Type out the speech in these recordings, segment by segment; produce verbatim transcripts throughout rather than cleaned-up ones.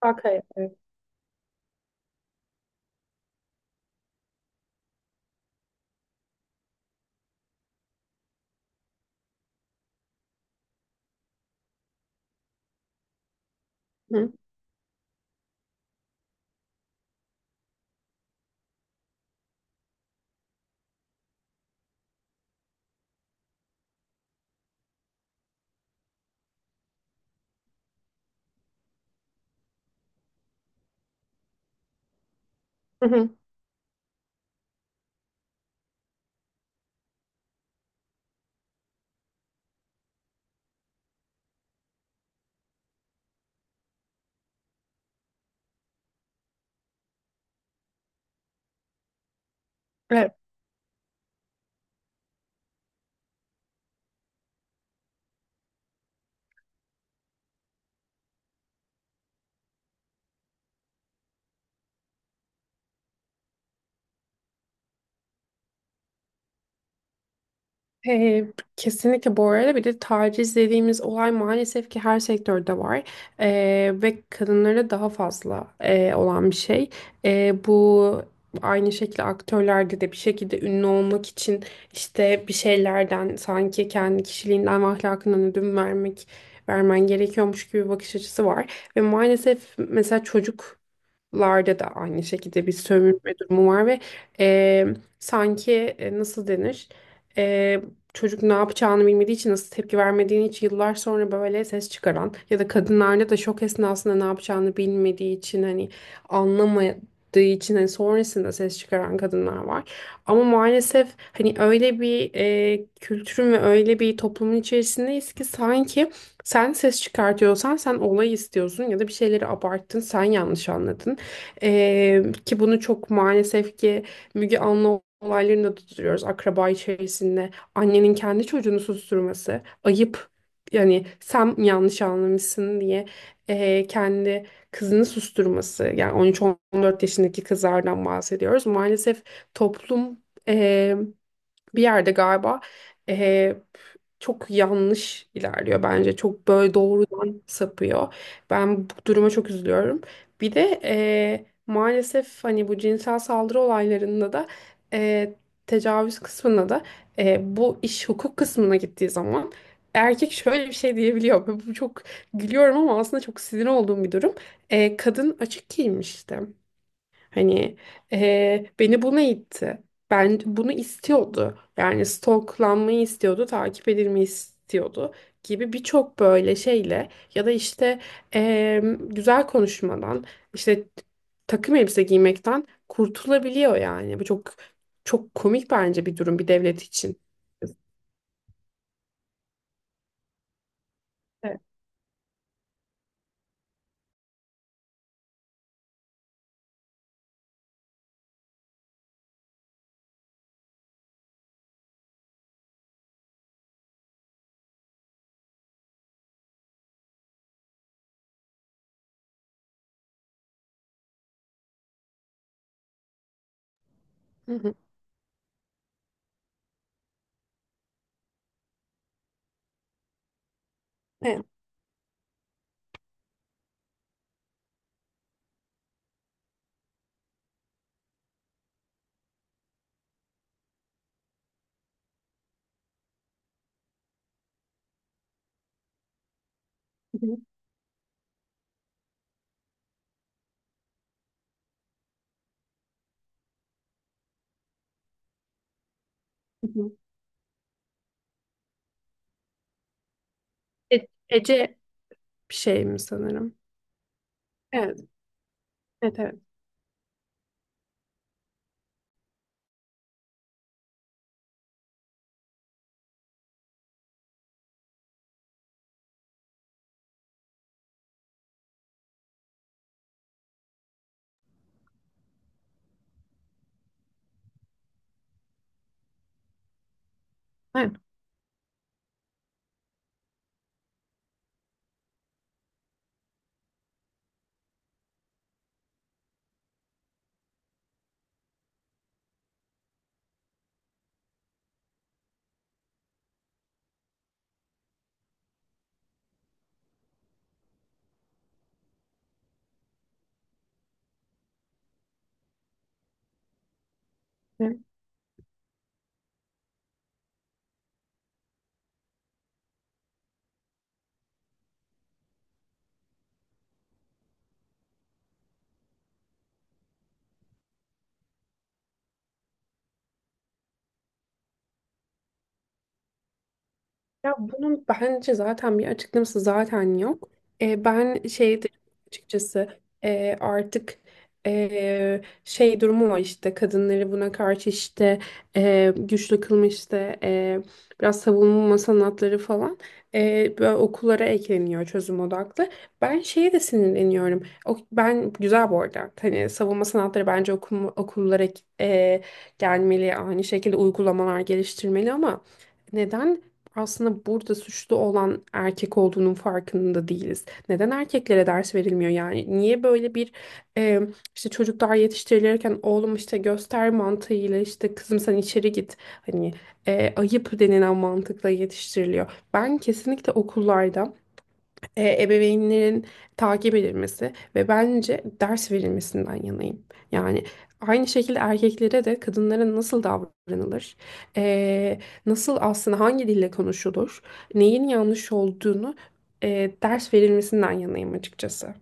Arkaya. Evet. Hı. Hı hı. Evet. Ee, Kesinlikle bu arada, bir de taciz dediğimiz olay maalesef ki her sektörde var. Ee, ve kadınlara daha fazla e, olan bir şey. Ee, bu aynı şekilde aktörlerde de bir şekilde ünlü olmak için işte bir şeylerden sanki kendi kişiliğinden ve ahlakından ödün vermek vermen gerekiyormuş gibi bir bakış açısı var. Ve maalesef mesela çocuk larda da aynı şekilde bir sömürme durumu var ve e, sanki e, nasıl denir, E, çocuk ne yapacağını bilmediği için nasıl tepki vermediğini hiç yıllar sonra böyle ses çıkaran ya da kadınlarda da şok esnasında ne yapacağını bilmediği için, hani anlamadığı için, hani sonrasında ses çıkaran kadınlar var. Ama maalesef hani öyle bir e, kültürün ve öyle bir toplumun içerisindeyiz ki sanki sen ses çıkartıyorsan sen olay istiyorsun ya da bir şeyleri abarttın, sen yanlış anladın. Ee, ki bunu çok maalesef ki Müge Anlı olaylarında da tutuyoruz akraba içerisinde. Annenin kendi çocuğunu susturması ayıp. Yani sen yanlış anlamışsın diye ee, kendi kızını susturması. Yani on üç on dört yaşındaki kızlardan bahsediyoruz. Maalesef toplum bir yerde galiba eh, çok yanlış ilerliyor bence. Çok böyle doğrudan sapıyor. Ben bu duruma çok üzülüyorum. Bir de eh, maalesef hani bu cinsel saldırı olaylarında da eh, tecavüz kısmında da, eh, bu iş hukuk kısmına gittiği zaman erkek şöyle bir şey diyebiliyor. Bu çok, gülüyorum ama aslında çok sinir olduğum bir durum. Eh, kadın açık giymişti. Hani eee, beni buna itti. Ben bunu istiyordu. Yani stalklanmayı istiyordu, takip edilmeyi istiyordu gibi birçok böyle şeyle, ya da işte eee, güzel konuşmadan, işte takım elbise giymekten kurtulabiliyor yani. Bu çok çok komik bence bir durum bir devlet için. Evet. Hı hı. Evet. Hı hı. Hı hı. E- Ece bir şey mi sanırım? Evet. Evet, evet. Evet. Ya bunun bence zaten bir açıklaması zaten yok. E, ben şey de açıkçası, e, artık e, şey durumu var, işte kadınları buna karşı işte e, güçlü kılma, işte e, biraz savunma sanatları falan e, böyle okullara ekleniyor, çözüm odaklı. Ben şeye de sinirleniyorum. O, ben güzel bu arada. Hani savunma sanatları bence okum, okullara e, gelmeli, aynı şekilde uygulamalar geliştirmeli ama neden? Aslında burada suçlu olan erkek olduğunun farkında değiliz. Neden erkeklere ders verilmiyor yani? Niye böyle bir e, işte çocuklar yetiştirilirken oğlum işte göster mantığıyla, işte kızım sen içeri git, hani e, ayıp denilen mantıkla yetiştiriliyor. Ben kesinlikle okullarda e, ebeveynlerin takip edilmesi ve bence ders verilmesinden yanayım. Yani aynı şekilde erkeklere de kadınlara nasıl davranılır, e, nasıl aslında hangi dille konuşulur, neyin yanlış olduğunu e, ders verilmesinden yanayım açıkçası.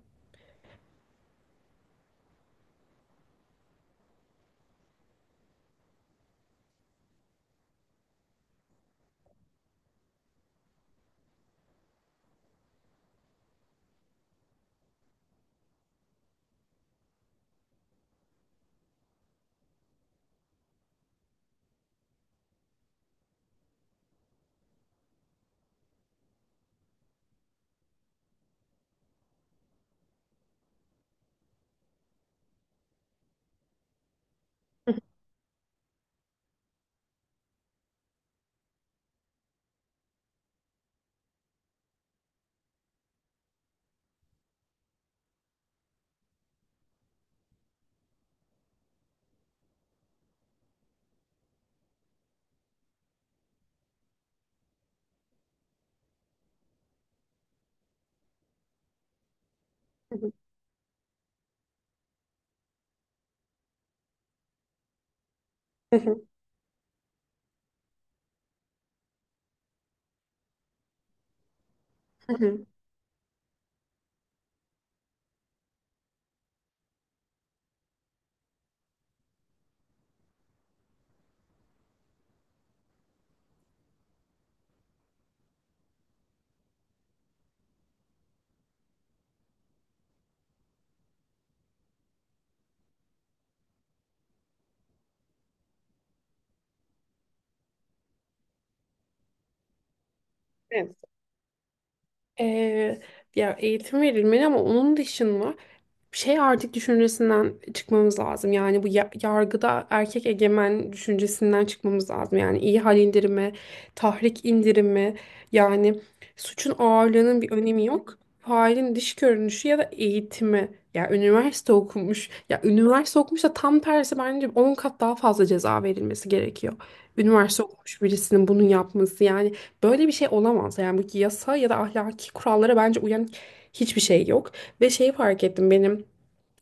Hı hı. Hı hı. Hı hı. Evet. Ee, Ya eğitim verilmeli ama onun dışında şey artık düşüncesinden çıkmamız lazım. Yani bu ya- yargıda erkek egemen düşüncesinden çıkmamız lazım. Yani iyi hal indirimi, tahrik indirimi, yani suçun ağırlığının bir önemi yok. Failin dış görünüşü ya da eğitimi. Ya üniversite okumuş. Ya üniversite okumuş da tam tersi bence on kat daha fazla ceza verilmesi gerekiyor. Üniversite okumuş birisinin bunu yapması yani. Böyle bir şey olamaz. Yani bu yasa ya da ahlaki kurallara bence uyan hiçbir şey yok. Ve şeyi fark ettim, benim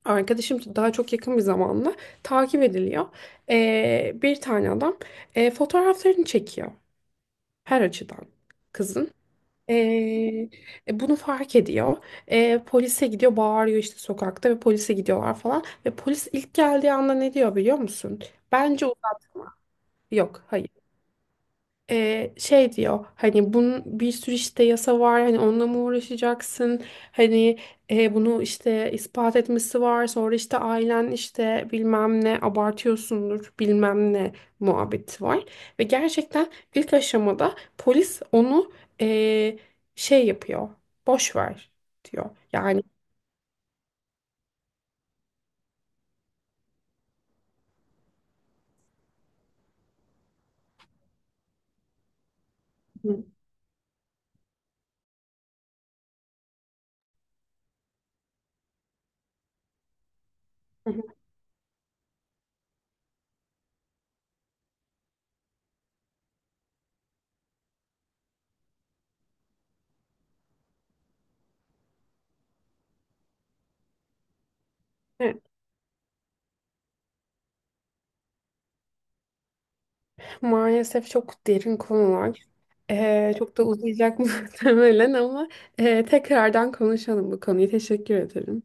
arkadaşım daha çok yakın bir zamanla takip ediliyor. Ee, bir tane adam e, fotoğraflarını çekiyor her açıdan kızın. Ee, e, Bunu fark ediyor. Ee, polise gidiyor, bağırıyor işte sokakta ve polise gidiyorlar falan. Ve polis ilk geldiği anda ne diyor biliyor musun? Bence uzatma. Yok, hayır, e, şey diyor hani bunun bir sürü işte yasa var, hani onunla mı uğraşacaksın, hani e, bunu işte ispat etmesi var, sonra işte ailen, işte bilmem ne, abartıyorsundur bilmem ne muhabbeti var ve gerçekten ilk aşamada polis onu e, şey yapıyor, boş ver diyor yani. Hı hı. Hı. Maalesef çok derin konular. Ee, çok da uzayacak muhtemelen ama e, tekrardan konuşalım bu konuyu. Teşekkür ederim.